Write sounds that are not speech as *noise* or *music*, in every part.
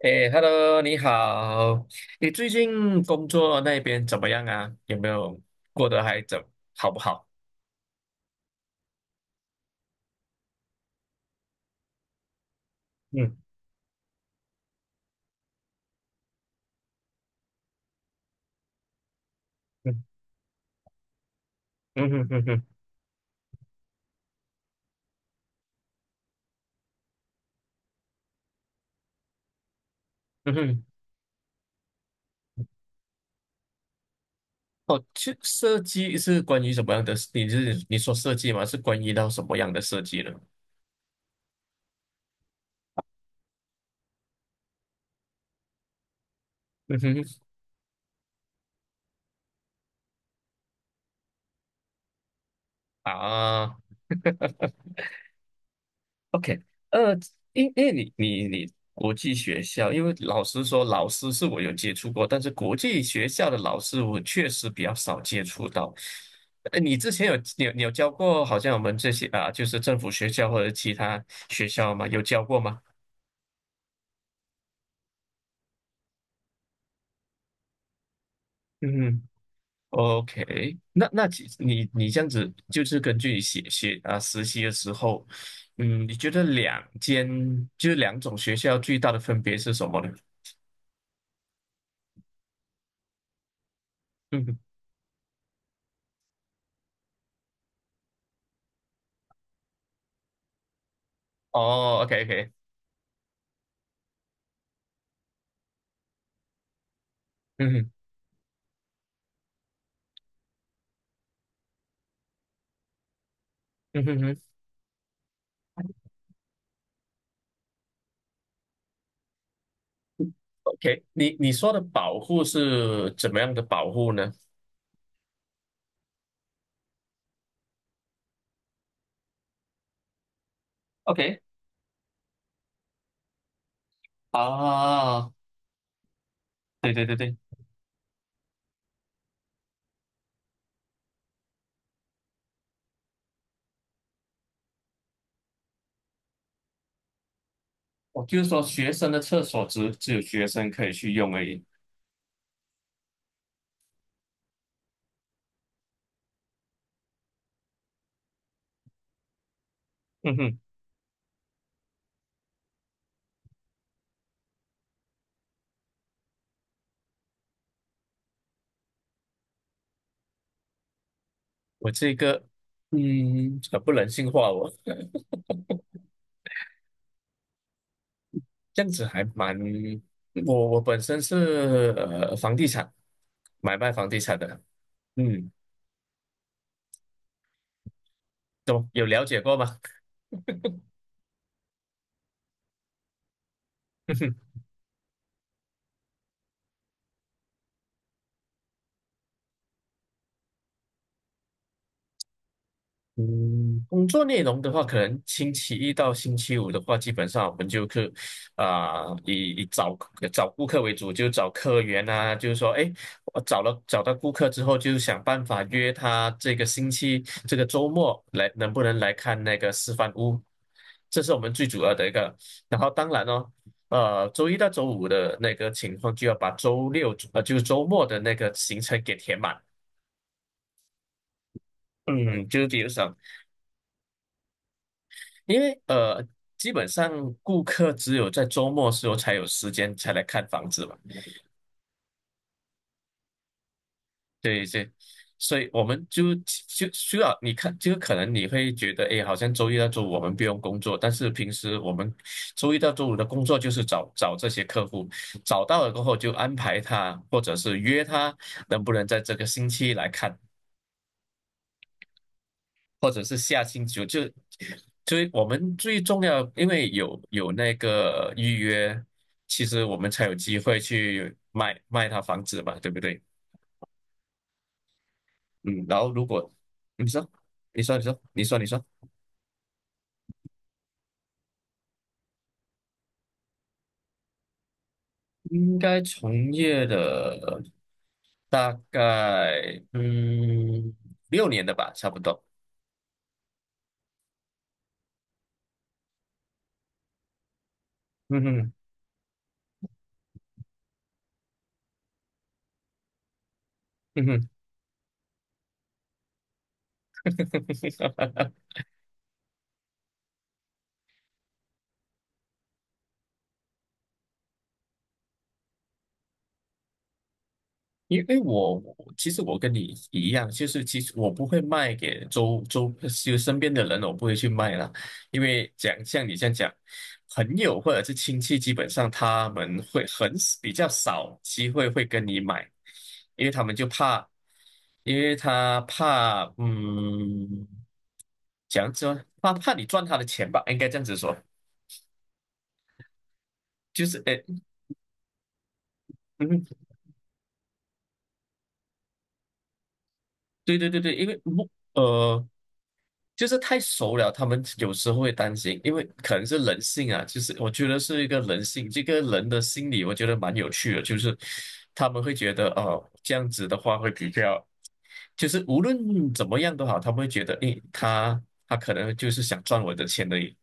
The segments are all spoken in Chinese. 哎，Hello，你好。你最近工作那边怎么样啊？有没有过得还怎好不好？嗯。嗯。嗯哼。嗯哼。嗯哼。哦，其实设计是关于什么样的？你说设计吗？是关于到什么样的设计呢？嗯哼。啊。OK。呃，因为你国际学校，因为老实说，老师是我有接触过，但是国际学校的老师我确实比较少接触到。你之前有你有教过，好像我们这些啊，就是政府学校或者其他学校吗？有教过吗？嗯。OK。那你这样子，就是根据你写写啊实习的时候，嗯，你觉得就是两种学校最大的分别是什么呢？嗯。哦，OK OK。嗯。嗯哼哼。OK，你说的保护是怎么样的保护呢？OK。啊。对对对对，我就是说学生的厕所只有学生可以去用而已。嗯哼。我这个，嗯，很不人性化哦，这样子还蛮。我本身是房地产买卖房地产的。嗯，都有了解过吗？*laughs* 嗯，工作内容的话，可能星期一到星期五的话，基本上我们就是啊、以以找呃找顾客为主，就找客源啊。就是说，哎，我找到顾客之后，就想办法约他这个星期这个周末来，能不能来看那个示范屋？这是我们最主要的一个。然后当然哦，周一到周五的那个情况，就要把就是周末的那个行程给填满。嗯，就是比如说。因为基本上顾客只有在周末时候才有时间才来看房子嘛。对对，所以我们就需要你看，就可能你会觉得，哎，好像周一到周五我们不用工作，但是平时我们周一到周五的工作就是找找这些客户，找到了过后就安排他，或者是约他能不能在这个星期来看，或者是下星期就我们最重要，因为有那个预约，其实我们才有机会去卖一套房子嘛，对不对？嗯，然后如果你说，你说，你说，你说，你说，应该从业的大概六年的吧，差不多。嗯哼。嗯哼。*laughs* 因为我其实我跟你一样，就是其实我不会卖给就身边的人，我不会去卖啦。因为讲像你这样讲，朋友或者是亲戚，基本上他们会比较少机会会跟你买，因为他们就怕。因为他怕嗯，讲说怕你赚他的钱吧，应该这样子说。就是诶。嗯。对对对对，因为不呃。就是太熟了，他们有时候会担心，因为可能是人性啊，就是我觉得是一个人性，这个人的心理，我觉得蛮有趣的，就是他们会觉得，哦，这样子的话会比较，就是无论怎么样都好，他们会觉得，诶，他可能就是想赚我的钱而已。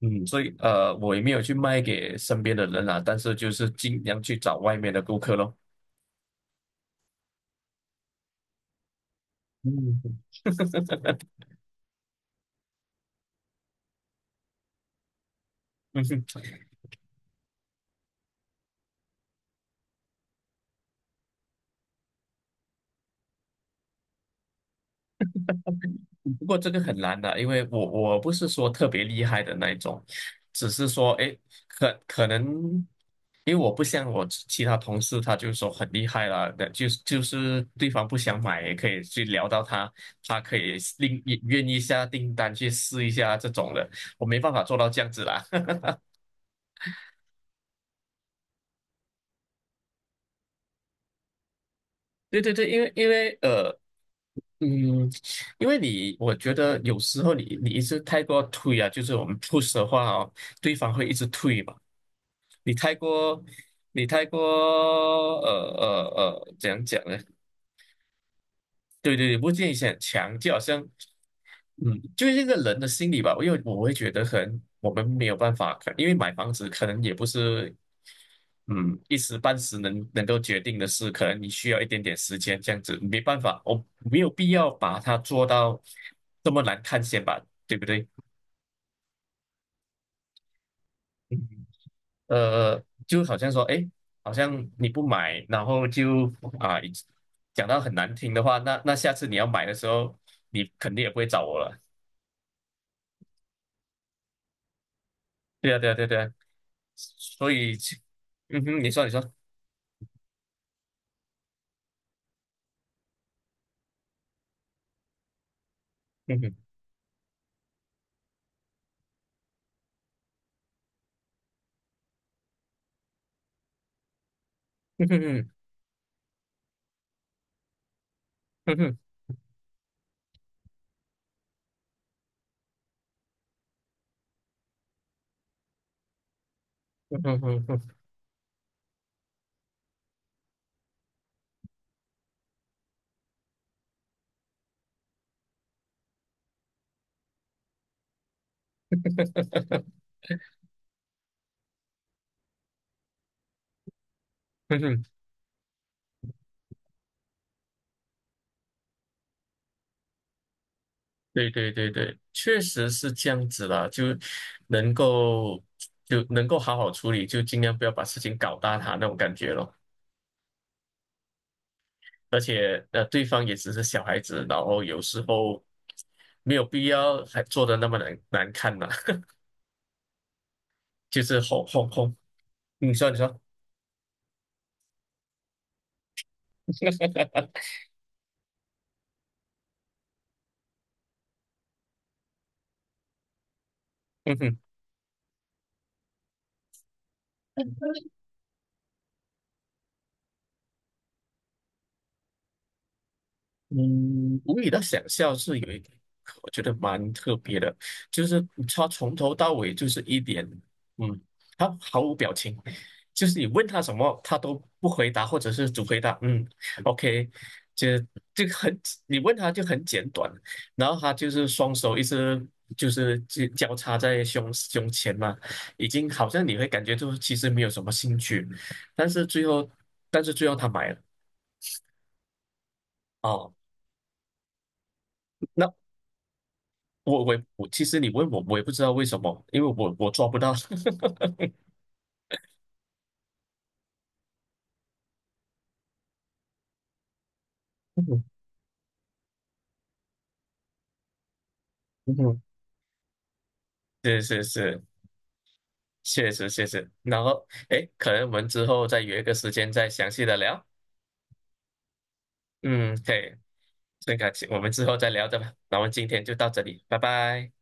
嗯，所以我也没有去卖给身边的人啊，但是就是尽量去找外面的顾客咯。嗯。 *laughs* 不过这个很难的，因为我不是说特别厉害的那一种，只是说，哎，可能，因为我不像我其他同事，他就说很厉害啦，那就是对方不想买也可以去聊到他，他可以另也愿意下订单去试一下这种的，我没办法做到这样子啦。*laughs* 对对对，因为因为呃。嗯。因为你，我觉得有时候你一直太过推啊，就是我们 push 的话哦，对方会一直推嘛。你太过。你太过。呃呃怎样讲呢？对对对，不建议很强，就好像，嗯，就是这个人的心理吧。因为我会觉得，可能我们没有办法，因为买房子可能也不是，嗯，一时半时能够决定的事，可能你需要一点点时间，这样子没办法，我没有必要把它做到这么难看先吧，对不对？嗯。就好像说，哎，好像你不买，然后就啊，讲到很难听的话。那下次你要买的时候，你肯定也不会找我了。对啊，对啊，对啊对啊。所以就。嗯哼。你说，你说。嗯哼。嗯哼。嗯哼。嗯哼。嗯哼。嗯哼。对对对对，确实是这样子啦，能够就能够好好处理，就尽量不要把事情搞大它那种感觉咯。而且对方也只是小孩子，然后有时候没有必要还做的那么难看嘛。*laughs* 就是哄哄哄。嗯。你说，你说。嗯哼。嗯，无理的想象是有一点，我觉得蛮特别的，就是他从头到尾就是一点，嗯，他毫无表情，就是你问他什么，他都不回答，或者是只回答嗯。OK。就这个很，你问他就很简短，然后他就是双手一直就是交叉在胸前嘛，已经好像你会感觉就是其实没有什么兴趣。但是最后他买了哦。那我，其实你问我，我也不知道为什么，因为我抓不到。*laughs* 嗯。嗯。是是是，确实确实。然后，诶，可能我们之后再约一个时间再详细的聊。嗯，可以，很感谢，我们之后再聊着吧。那我们今天就到这里，拜拜。